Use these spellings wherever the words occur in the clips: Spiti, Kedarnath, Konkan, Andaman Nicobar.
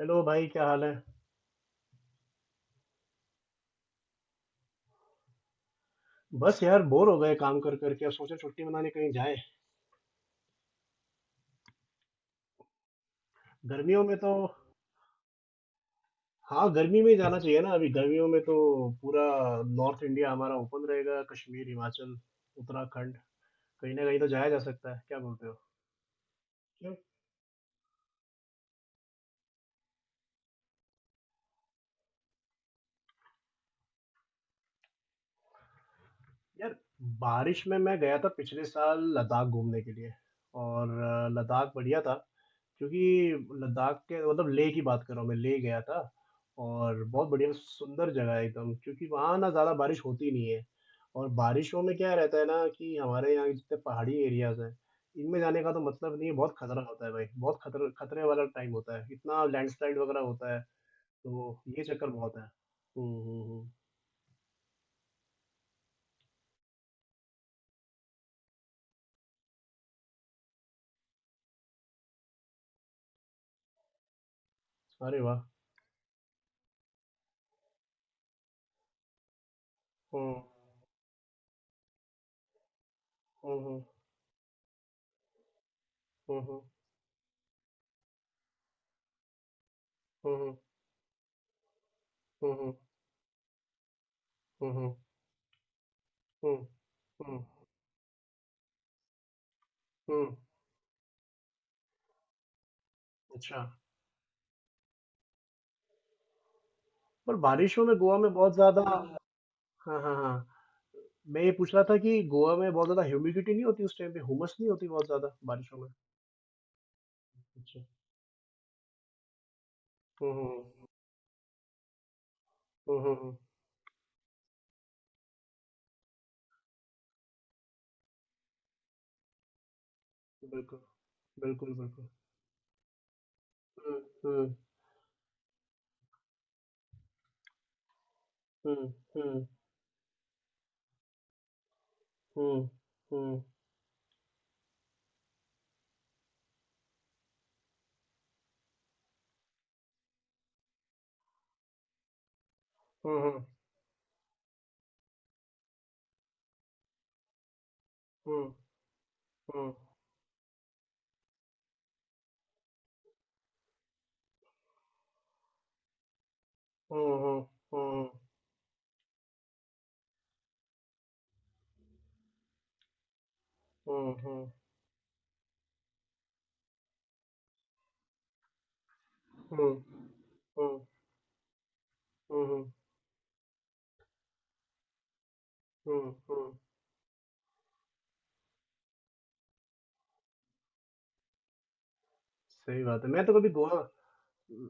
Hello भाई क्या हाल है। बस यार बोर हो गए काम कर करके, अब सोचे छुट्टी मनाने कहीं जाएं। गर्मियों में तो हाँ, गर्मी में ही जाना चाहिए ना। अभी गर्मियों में तो पूरा नॉर्थ इंडिया हमारा ओपन रहेगा, कश्मीर, हिमाचल, उत्तराखंड, कहीं ना कहीं तो जाया जा सकता है। क्या बोलते हो? क्यों? यार, बारिश में मैं गया था पिछले साल लद्दाख घूमने के लिए और लद्दाख बढ़िया था। क्योंकि लद्दाख के मतलब लेह की बात कर रहा हूँ, मैं लेह गया था और बहुत बढ़िया सुंदर जगह है एकदम, क्योंकि वहाँ ना ज़्यादा बारिश होती नहीं है। और बारिशों में क्या रहता है ना कि हमारे यहाँ जितने पहाड़ी एरियाज हैं, इनमें जाने का तो मतलब नहीं है। बहुत खतरा होता है भाई, बहुत खतरे खतरे वाला टाइम होता है, इतना लैंडस्लाइड वगैरह होता है। तो ये चक्कर बहुत है। अरे वाह। हम्म हम्म हम्म हम्म हम्म हम्म हम्म हम्म हम्म हम्म हम्म, अच्छा। पर बारिशों में गोवा में बहुत ज्यादा। हाँ हाँ हाँ, मैं ये पूछ रहा था कि गोवा में बहुत ज्यादा ह्यूमिडिटी नहीं होती उस टाइम पे? हुमस नहीं होती बहुत ज्यादा बारिशों में? अच्छा। हम्म हम्म हम्म हम्म, हम्म, हम्म। बिल्कुल। बिल्कुल बिल्कुल। हम्म हम्म हम्म हम्म हम्म हम्म हम्म हम्म हम्म हम्म हम्म हम्म हम्म हम्म हम्म हम्म हम्म हम्म हम्म। सही बात है। मैं तो कभी गोवा उम,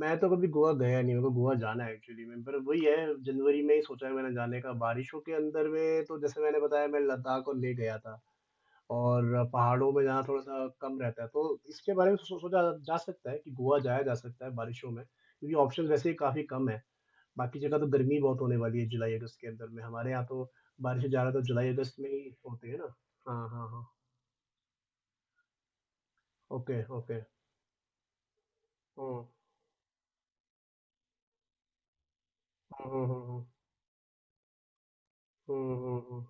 मैं तो कभी गोवा गया नहीं, मेरे को गोवा जाना है एक्चुअली में, पर वही है, जनवरी में ही सोचा है मैंने जाने का। बारिशों के अंदर में तो जैसे मैंने बताया, मैं लद्दाख और लेह गया था, और पहाड़ों में जाना थोड़ा-सा कम रहता है, तो इसके बारे में सोचा जा सकता है कि गोवा जाया जा सकता है बारिशों में, क्योंकि ऑप्शंस वैसे ही काफ़ी कम हैं। बाकी जगह तो गर्मी बहुत होने वाली है जुलाई-अगस्त के अंदर में, हमारे यहाँ तो बारिशें ज़्यादा तो जुलाई-अगस्त में ही होती है ना? हाँ, हाँ, हाँ। Okay, okay. हुँ। हुँ, हुँ, हुँ, हुँ। हुँ, हुँ, हुँ।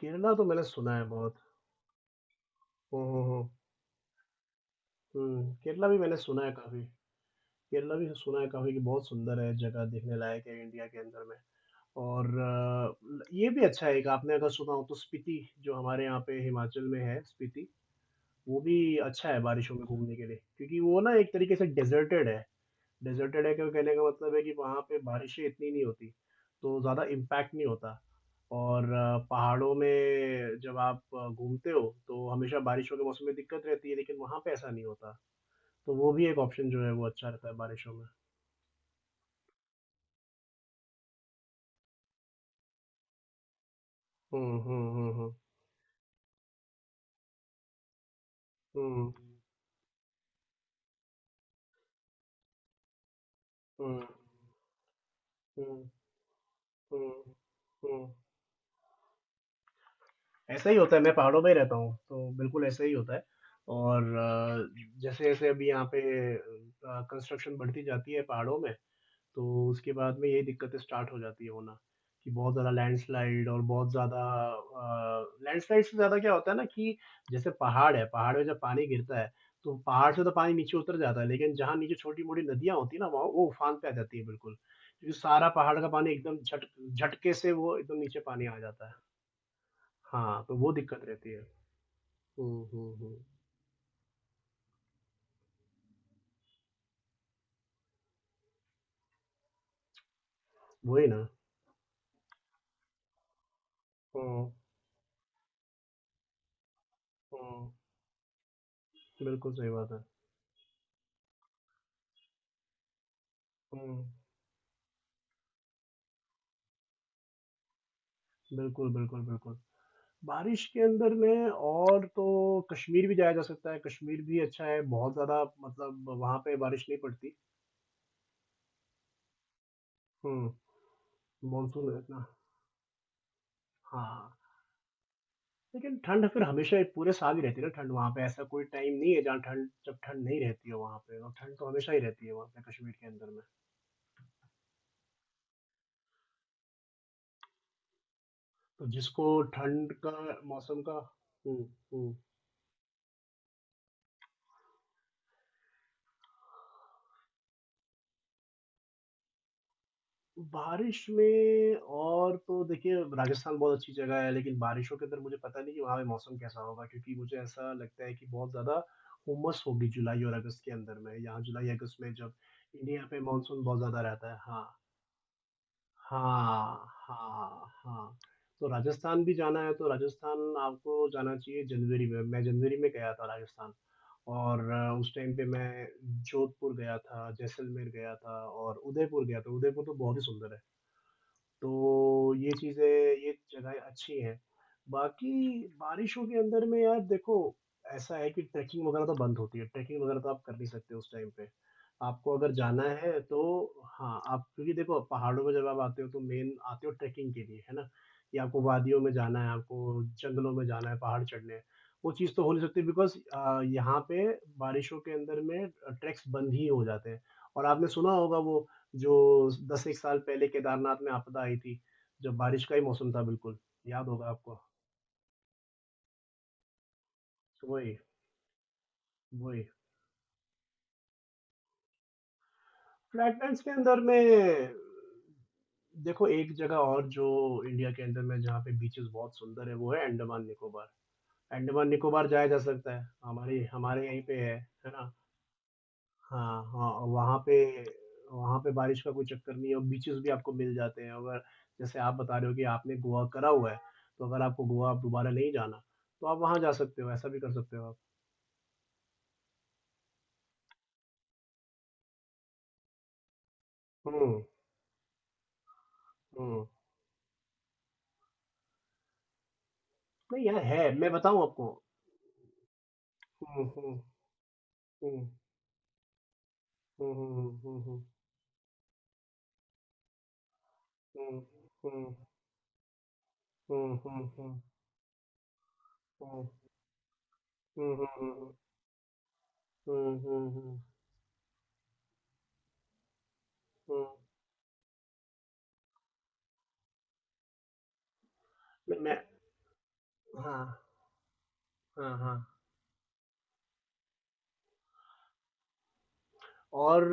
केरला तो मैंने सुना है बहुत। हम्म हम्म केरला भी मैंने सुना है काफी। केरला भी सुना है काफी कि बहुत सुंदर है, जगह देखने लायक है इंडिया के अंदर में। और ये भी अच्छा है एक, आपने अगर सुना हो तो स्पीति, जो हमारे यहाँ पे हिमाचल में है, स्पीति वो भी अच्छा है बारिशों में घूमने के लिए, क्योंकि वो ना एक तरीके से डेजर्टेड है। डेज़र्टेड है क्यों कहने का मतलब है कि वहाँ पे बारिशें इतनी नहीं होती, तो ज़्यादा इम्पैक्ट नहीं होता। और पहाड़ों में जब आप घूमते हो, तो हमेशा बारिशों के मौसम में दिक्कत रहती है, लेकिन वहाँ पे ऐसा नहीं होता। तो वो भी एक ऑप्शन जो है वो अच्छा रहता है बारिशों में। हुँ, हुँ, हुँ, हुँ। हुँ, हुँ, हुँ, हुँ, हुँ। ऐसा ही होता है, मैं पहाड़ों में ही रहता हूँ, तो बिल्कुल ऐसा ही होता है। और जैसे-जैसे अभी यहाँ पे कंस्ट्रक्शन बढ़ती जाती है पहाड़ों में, तो उसके बाद में यही दिक्कतें स्टार्ट हो जाती है होना, कि बहुत ज़्यादा लैंडस्लाइड और बहुत ज़्यादा लैंडस्लाइड से ज़्यादा क्या होता है ना कि जैसे पहाड़ है, पहाड़ में जब पानी गिरता है, तो पहाड़ से तो पानी नीचे उतर जाता है, लेकिन जहाँ नीचे छोटी-मोटी नदियाँ होती हैं ना, वहाँ वो उफान पे आ जाती है बिल्कुल, क्योंकि सारा पहाड़ का पानी एकदम झट झटके से वो एकदम नीचे पानी आ जाता है। हाँ, तो वो दिक्कत रहती है। हुँ, हुँ, हुँ। वही ना। हुँ, हुँ। बिल्कुल सही बात है। हुँ। बिल्कुल, बिल्कुल, बिल्कुल। बारिश के अंदर में और तो कश्मीर भी जाया जा सकता है। कश्मीर भी अच्छा है, बहुत ज़्यादा मतलब वहाँ पे बारिश नहीं पड़ती। हम्म, मानसून है इतना। हाँ हाँ। लेकिन ठंड फिर हमेशा पूरे साल ही रहती है ना, ठंड वहाँ पे, ऐसा कोई टाइम नहीं है जहाँ ठंड, जब ठंड नहीं रहती है वहाँ पे, और ठंड तो हमेशा ही रहती है वहाँ पे कश्मीर के अंदर में। तो जिसको ठंड का मौसम का। हम्म हम्म। बारिश में और तो देखिए राजस्थान बहुत अच्छी जगह है, लेकिन बारिशों के अंदर मुझे पता नहीं कि वहाँ पे मौसम कैसा होगा, क्योंकि मुझे ऐसा लगता है कि बहुत ज़्यादा हुमस होगी जुलाई और अगस्त के अंदर में। यहाँ जुलाई अगस्त में जब इंडिया पे मानसून बहुत ज़्यादा रहता है। हाँ, हाँ हाँ हाँ। तो राजस्थान भी जाना है तो राजस्थान आपको जाना चाहिए जनवरी में। मैं जनवरी में गया था राजस्थान, और उस टाइम पे मैं जोधपुर गया था, जैसलमेर गया था, और उदयपुर गया था। उदयपुर तो बहुत ही सुंदर है। तो ये चीज़ें, ये जगह अच्छी हैं। बाकी बारिशों के अंदर में यार देखो, ऐसा है कि ट्रैकिंग वगैरह तो बंद होती है। ट्रैकिंग वगैरह तो आप कर नहीं सकते उस टाइम पे। आपको अगर जाना है तो हाँ, आप क्योंकि देखो पहाड़ों में जब आप आते हो तो मेन आते हो ट्रैकिंग के लिए, है ना? कि आपको वादियों में जाना है, आपको जंगलों में जाना है, पहाड़ चढ़ने हैं। वो चीज़ तो हो नहीं सकती बिकॉज़ यहाँ पे बारिशों के अंदर में ट्रैक्स बंद ही हो जाते हैं। और आपने सुना होगा वो जो 10 एक साल पहले केदारनाथ में आपदा आई थी, जब बारिश का ही मौसम था बिल्कुल, याद होगा आपको। तो वही, वही। फ्लैटलैंड्स के अंदर में देखो एक जगह और जो इंडिया के अंदर में जहाँ पे बीचेस बहुत सुंदर है, वो है अंडमान निकोबार। अंडमान निकोबार जाया जा सकता है, हमारे हमारे यहीं पे है ना? हाँ, हाँ, वहाँ पे बारिश का कोई चक्कर नहीं है और बीचेज़ भी आपको मिल जाते हैं। अगर जैसे आप बता रहे हो कि आपने गोवा करा हुआ है, तो अगर आपको गोवा अब दोबारा नहीं जाना, तो आप वहाँ जा सकते हो, ऐसा भी कर सकते हो आप। हुँ, हुँ। नहीं यहाँ है, मैं बताऊँ आपको? हुँ, हुँ, हुँ। हुँ, हुँ, हुँ, हुँ, हुँ। हुँ, हुँ, हुँ, हुँ, हुँ, हुँ। हुँ, हुँ, हुँ, हुँ। हुँ, हुँ, हुँ, हुँ। मैं हाँ, हाँ, हाँ। और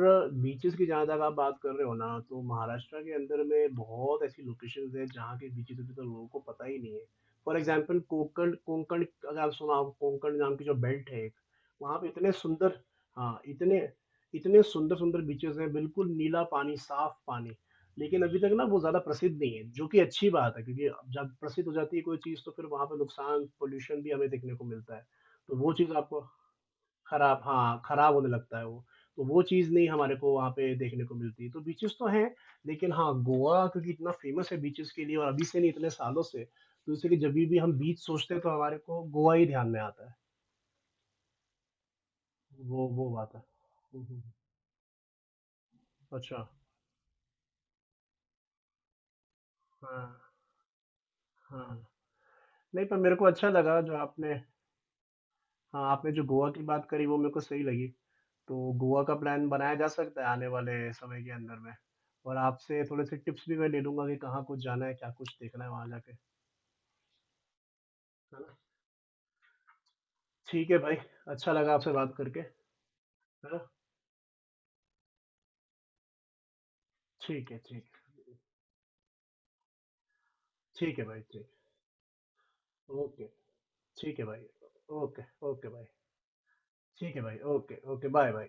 बीचेज़ की जहाँ तक आप बात कर रहे हो ना, तो महाराष्ट्र के अंदर में बहुत ऐसी लोकेशंस हैं, जहाँ के बीचेज़ अभी तो लोगों को पता ही नहीं है। फॉर एग्ज़ाम्पल कोंकण, कोंकण अगर आप सुना हो, कोंकण नाम की जो बेल्ट है एक, वहाँ पे इतने सुंदर, हाँ, इतने इतने सुंदर-सुंदर बीचेज़ हैं, बिल्कुल नीला पानी, साफ पानी। लेकिन अभी तक ना वो ज़्यादा प्रसिद्ध नहीं है, जो कि अच्छी बात है, क्योंकि अब जब प्रसिद्ध हो जाती है कोई चीज़, तो फिर वहाँ पे नुकसान, पॉल्यूशन भी हमें देखने को मिलता है। तो वो चीज़ आपको खराब, हाँ, खराब होने लगता है वो। तो वो चीज़ नहीं हमारे को वहाँ पे देखने को मिलती। तो बीचेज़ तो हैं, लेकिन हाँ, गोवा क्योंकि इतना फ़ेमस है बीचेज़ के लिए और अभी से नहीं इतने सालों से, तो इसलिए जभी भी हम बीच सोचते हैं तो हमारे को गोवा ही ध्यान में आता है। वो बात है। हुँ, हुँ, हुँ। अच्छा, हाँ, हाँ। नहीं पर मेरे को अच्छा लगा जो आपने, हाँ, आपने जो गोवा की बात करी वो मेरे को सही लगी। तो गोवा का प्लान बनाया जा सकता है आने वाले समय के अंदर में। और आपसे थोड़े-से टिप्स भी मैं ले लूँगा कि कहाँ कुछ जाना है, क्या कुछ देखना है वहाँ जाके। है ना? ठीक है भाई, अच्छा लगा आपसे बात करके, है ना। ठीक है, ठीक है। ठीक है भाई, ठीक। ओके। ठीक है भाई। ओके ओके भाई। ठीक है भाई। Okay okay, bye bye.